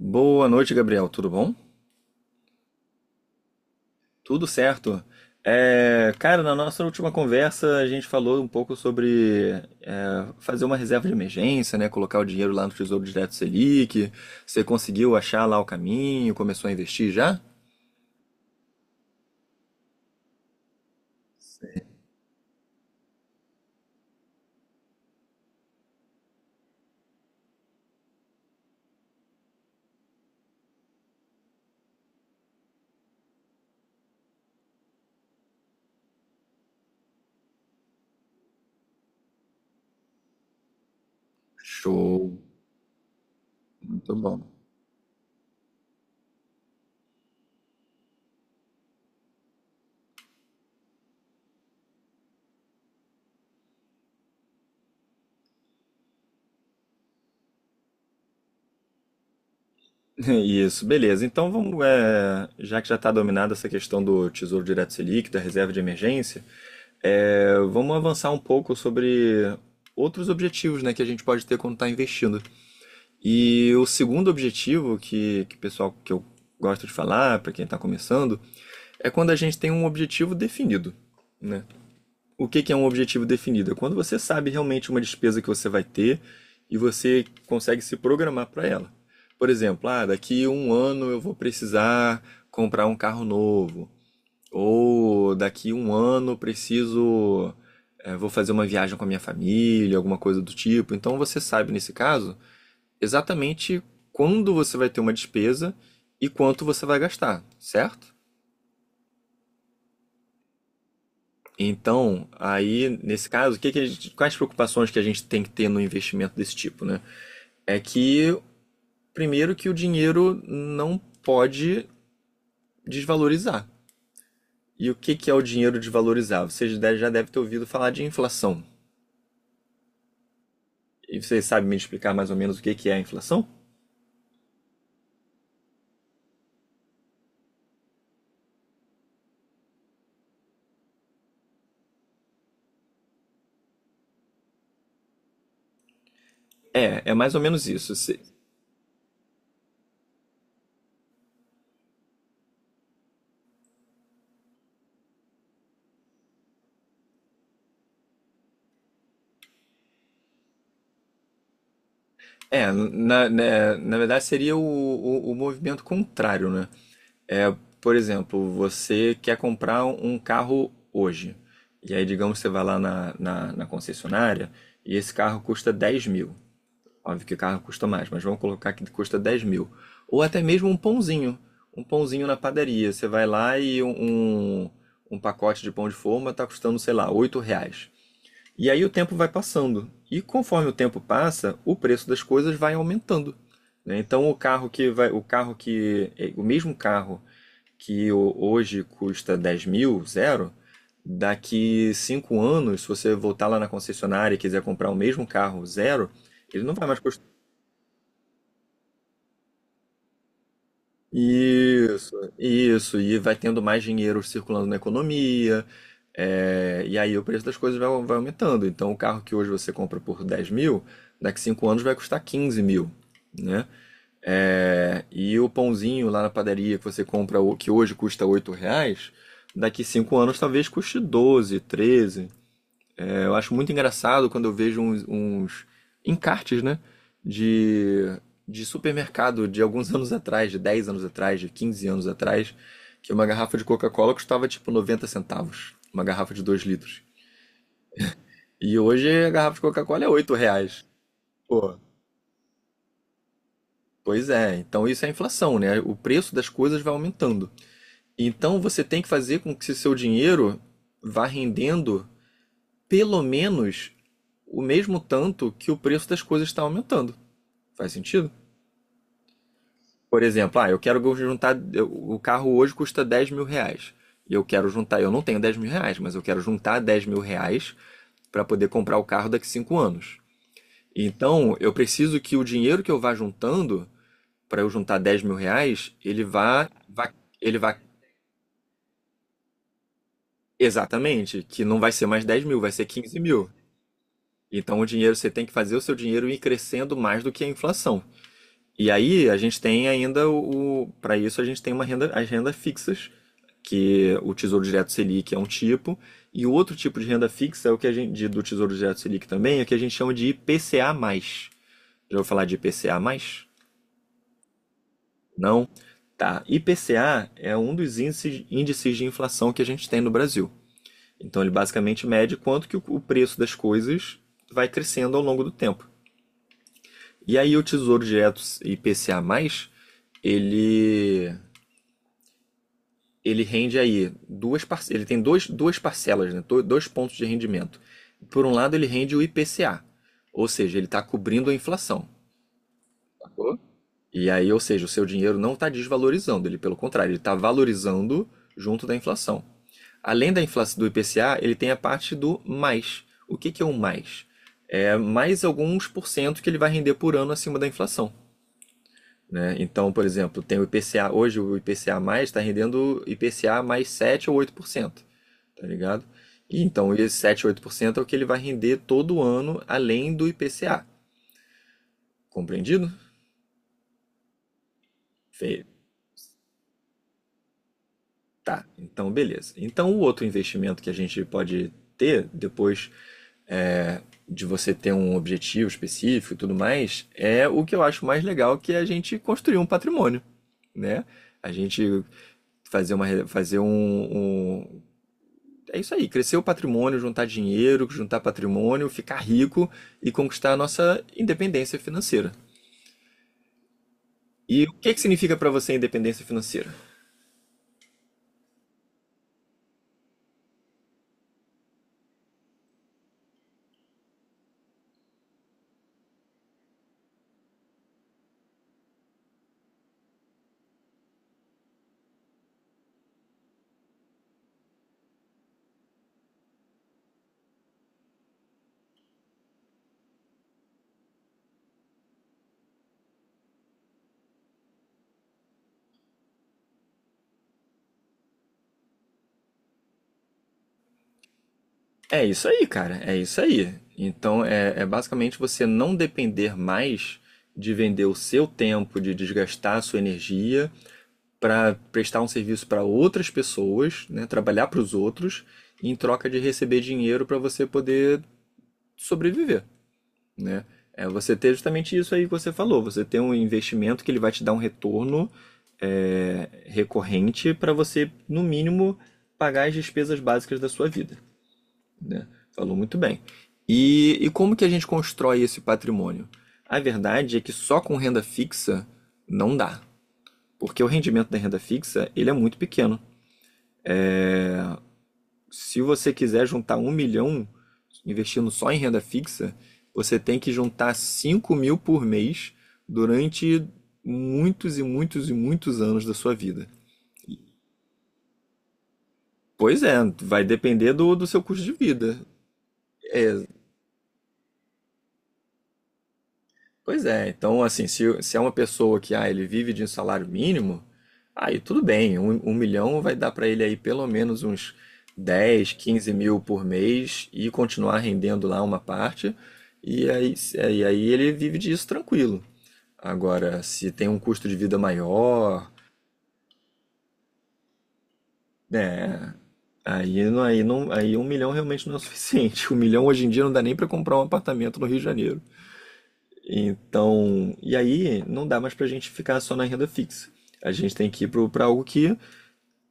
Boa noite, Gabriel. Tudo bom? Tudo certo. Cara, na nossa última conversa a gente falou um pouco sobre fazer uma reserva de emergência, né? Colocar o dinheiro lá no Tesouro Direto Selic. Você conseguiu achar lá o caminho? Começou a investir já? Show. Muito bom. Isso, beleza. Então vamos, já que já está dominada essa questão do Tesouro Direto Selic, da reserva de emergência, vamos avançar um pouco sobre outros objetivos, né, que a gente pode ter quando está investindo. E o segundo objetivo que pessoal que eu gosto de falar, para quem está começando, é quando a gente tem um objetivo definido, né? O que, que é um objetivo definido? É quando você sabe realmente uma despesa que você vai ter e você consegue se programar para ela. Por exemplo, ah, daqui um ano eu vou precisar comprar um carro novo, ou daqui um ano eu preciso, vou fazer uma viagem com a minha família, alguma coisa do tipo. Então você sabe nesse caso exatamente quando você vai ter uma despesa e quanto você vai gastar, certo? Então, aí, nesse caso, o que que a gente- quais preocupações que a gente tem que ter no investimento desse tipo, né? É que, primeiro, que o dinheiro não pode desvalorizar. E o que que é o dinheiro desvalorizar? Já devem ter ouvido falar de inflação. E vocês sabem me explicar mais ou menos o que que é a inflação? É, é mais ou menos isso. É, na verdade seria o movimento contrário, né? É, por exemplo, você quer comprar um carro hoje. E aí, digamos, você vai lá na concessionária e esse carro custa 10.000. Óbvio que o carro custa mais, mas vamos colocar que custa 10.000. Ou até mesmo um pãozinho. Um pãozinho na padaria. Você vai lá e um, um pacote de pão de forma está custando, sei lá, R$ 8. E aí o tempo vai passando. E conforme o tempo passa, o preço das coisas vai aumentando. Né? Então o carro que vai, o carro que, é, o mesmo carro que hoje custa 10.000, zero, daqui 5 anos, se você voltar lá na concessionária e quiser comprar o mesmo carro, zero, ele não vai mais custar. Isso, e vai tendo mais dinheiro circulando na economia, e aí o preço das coisas vai aumentando. Então, o carro que hoje você compra por 10.000, daqui 5 anos vai custar 15.000, né? E o pãozinho lá na padaria que você compra, que hoje custa R$ 8, daqui 5 anos talvez custe 12, 13. Eu acho muito engraçado quando eu vejo uns encartes, né? De, de supermercado de alguns anos atrás, de 10 anos atrás, de 15 anos atrás, que uma garrafa de Coca-Cola custava tipo 90 centavos, uma garrafa de 2 litros. E hoje a garrafa de Coca-Cola é R$ 8. Pô, pois é, então isso é inflação, né? O preço das coisas vai aumentando. Então você tem que fazer com que seu dinheiro vá rendendo pelo menos o mesmo tanto que o preço das coisas está aumentando. Faz sentido? Por exemplo, ah, eu quero juntar. O carro hoje custa R$ 10.000. E eu quero juntar. Eu não tenho R$ 10.000, mas eu quero juntar R$ 10.000 para poder comprar o carro daqui 5 anos. Então, eu preciso que o dinheiro que eu vá juntando, para eu juntar R$ 10.000, ele vá. Ele vá. Exatamente, que não vai ser mais 10.000, vai ser 15.000. Então, o dinheiro, você tem que fazer o seu dinheiro ir crescendo mais do que a inflação. E aí, a gente tem ainda o. Para isso, a gente tem uma renda, as rendas fixas que o Tesouro Direto Selic é um tipo, e o outro tipo de renda fixa é o que a gente do Tesouro Direto Selic também, é o que a gente chama de IPCA+. Já ouviu falar de IPCA+? Não? Tá. IPCA é um dos índices, índices de inflação que a gente tem no Brasil. Então ele basicamente mede quanto que o preço das coisas vai crescendo ao longo do tempo. E aí o Tesouro Direto IPCA+, ele ele rende aí duas par... ele tem duas parcelas, né? Dois pontos de rendimento. Por um lado, ele rende o IPCA, ou seja, ele está cobrindo a inflação. E aí, ou seja, o seu dinheiro não está desvalorizando, ele pelo contrário, ele está valorizando junto da inflação. Além da inflação do IPCA, ele tem a parte do mais. O que, que é o mais? É mais alguns por cento que ele vai render por ano acima da inflação. Né? Então, por exemplo, tem o IPCA, hoje o IPCA mais está rendendo IPCA mais 7 ou 8%, tá ligado? E então, esse 7 ou 8% é o que ele vai render todo ano, além do IPCA. Compreendido? Feio. Tá, então beleza. Então, o outro investimento que a gente pode ter, depois de você ter um objetivo específico e tudo mais, é o que eu acho mais legal, que é a gente construir um patrimônio, né? A gente fazer uma, re- fazer um, um- É isso aí, crescer o patrimônio, juntar dinheiro, juntar patrimônio, ficar rico e conquistar a nossa independência financeira. E o que que significa para você independência financeira? É isso aí, cara. É isso aí. Então, é basicamente você não depender mais de vender o seu tempo, de desgastar a sua energia para prestar um serviço para outras pessoas, né? Trabalhar para os outros em troca de receber dinheiro para você poder sobreviver. Né? É você ter justamente isso aí que você falou, você ter um investimento que ele vai te dar um retorno recorrente para você, no mínimo, pagar as despesas básicas da sua vida, né? Falou muito bem. E como que a gente constrói esse patrimônio? A verdade é que só com renda fixa não dá, porque o rendimento da renda fixa ele é muito pequeno. Se você quiser juntar 1 milhão investindo só em renda fixa, você tem que juntar 5.000 por mês durante muitos e muitos e muitos anos da sua vida. Pois é, vai depender do seu custo de vida. É, Pois é, então assim, se é uma pessoa que ah, ele vive de um salário mínimo, aí tudo bem, 1 milhão vai dar para ele aí pelo menos uns 10 a 15 mil por mês e continuar rendendo lá uma parte, e aí, e aí ele vive disso tranquilo. Agora, se tem um custo de vida maior, né, aí um milhão realmente não é o suficiente. 1 milhão hoje em dia não dá nem para comprar um apartamento no Rio de Janeiro. Então, e aí não dá mais para a gente ficar só na renda fixa. A gente tem que ir para algo que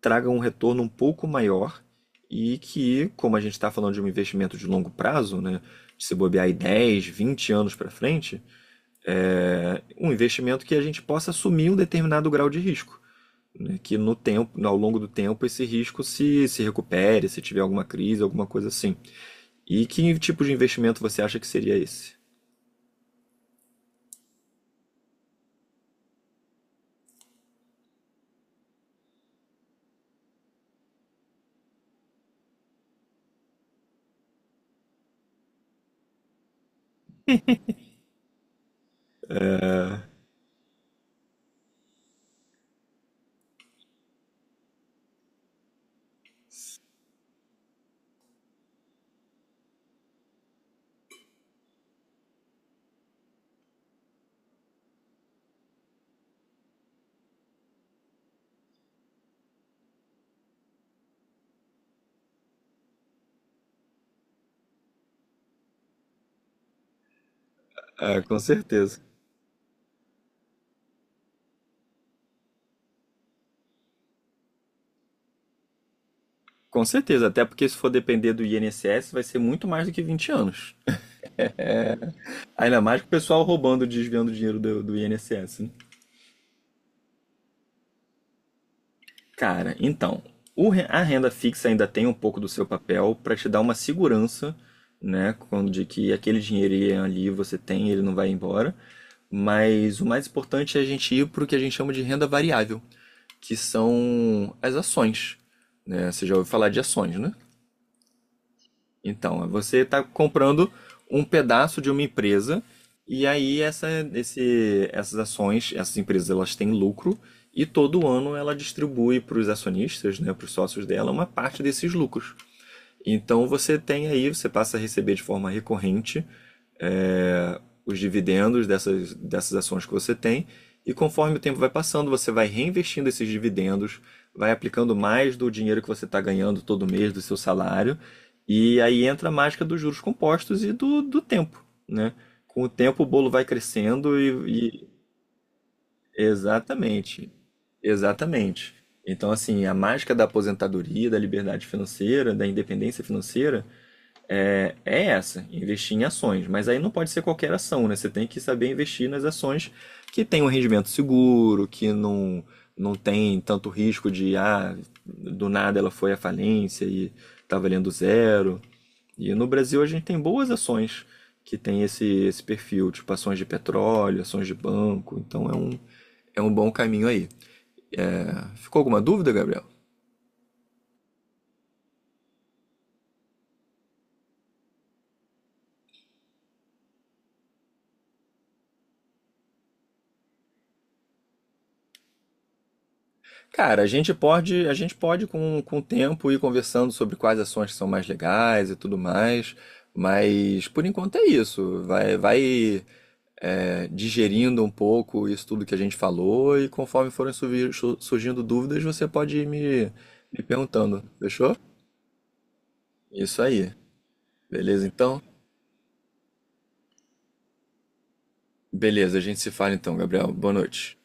traga um retorno um pouco maior e que, como a gente está falando de um investimento de longo prazo, né, de se bobear aí 10, 20 anos para frente, é um investimento que a gente possa assumir um determinado grau de risco. Né, que no tempo, ao longo do tempo, esse risco se recupere, se tiver alguma crise, alguma coisa assim. E que tipo de investimento você acha que seria esse? Ah, com certeza. Com certeza, até porque se for depender do INSS, vai ser muito mais do que 20 anos. Ainda mais com o pessoal roubando, desviando dinheiro do INSS. Né? Cara, então, a renda fixa ainda tem um pouco do seu papel para te dar uma segurança, né? Quando de que aquele dinheirinho ali você tem, ele não vai embora. Mas o mais importante é a gente ir para o que a gente chama de renda variável, que são as ações. Né? Você já ouviu falar de ações, né? Então, você está comprando um pedaço de uma empresa e aí essas ações, essas empresas, elas têm lucro e todo ano ela distribui para os acionistas, né, para os sócios dela, uma parte desses lucros. Então você tem aí, você passa a receber de forma recorrente é, os dividendos dessas ações que você tem, e conforme o tempo vai passando, você vai reinvestindo esses dividendos, vai aplicando mais do dinheiro que você está ganhando todo mês do seu salário, e aí entra a mágica dos juros compostos e do tempo, né? Com o tempo o bolo vai crescendo. Exatamente, exatamente. Então, assim, a mágica da aposentadoria, da liberdade financeira, da independência financeira, é essa, investir em ações. Mas aí não pode ser qualquer ação, né? Você tem que saber investir nas ações que tem um rendimento seguro, que não, não tem tanto risco de, ah, do nada ela foi à falência e tá valendo zero. E no Brasil a gente tem boas ações que tem esse, esse perfil, tipo ações de petróleo, ações de banco. Então é um bom caminho aí. Ficou alguma dúvida, Gabriel? Cara, a gente pode com o tempo ir conversando sobre quais ações que são mais legais e tudo mais, mas por enquanto é isso. Vai digerindo um pouco isso tudo que a gente falou e conforme forem surgindo dúvidas, você pode ir me perguntando, fechou? Isso aí. Beleza, então? Beleza, a gente se fala então, Gabriel. Boa noite.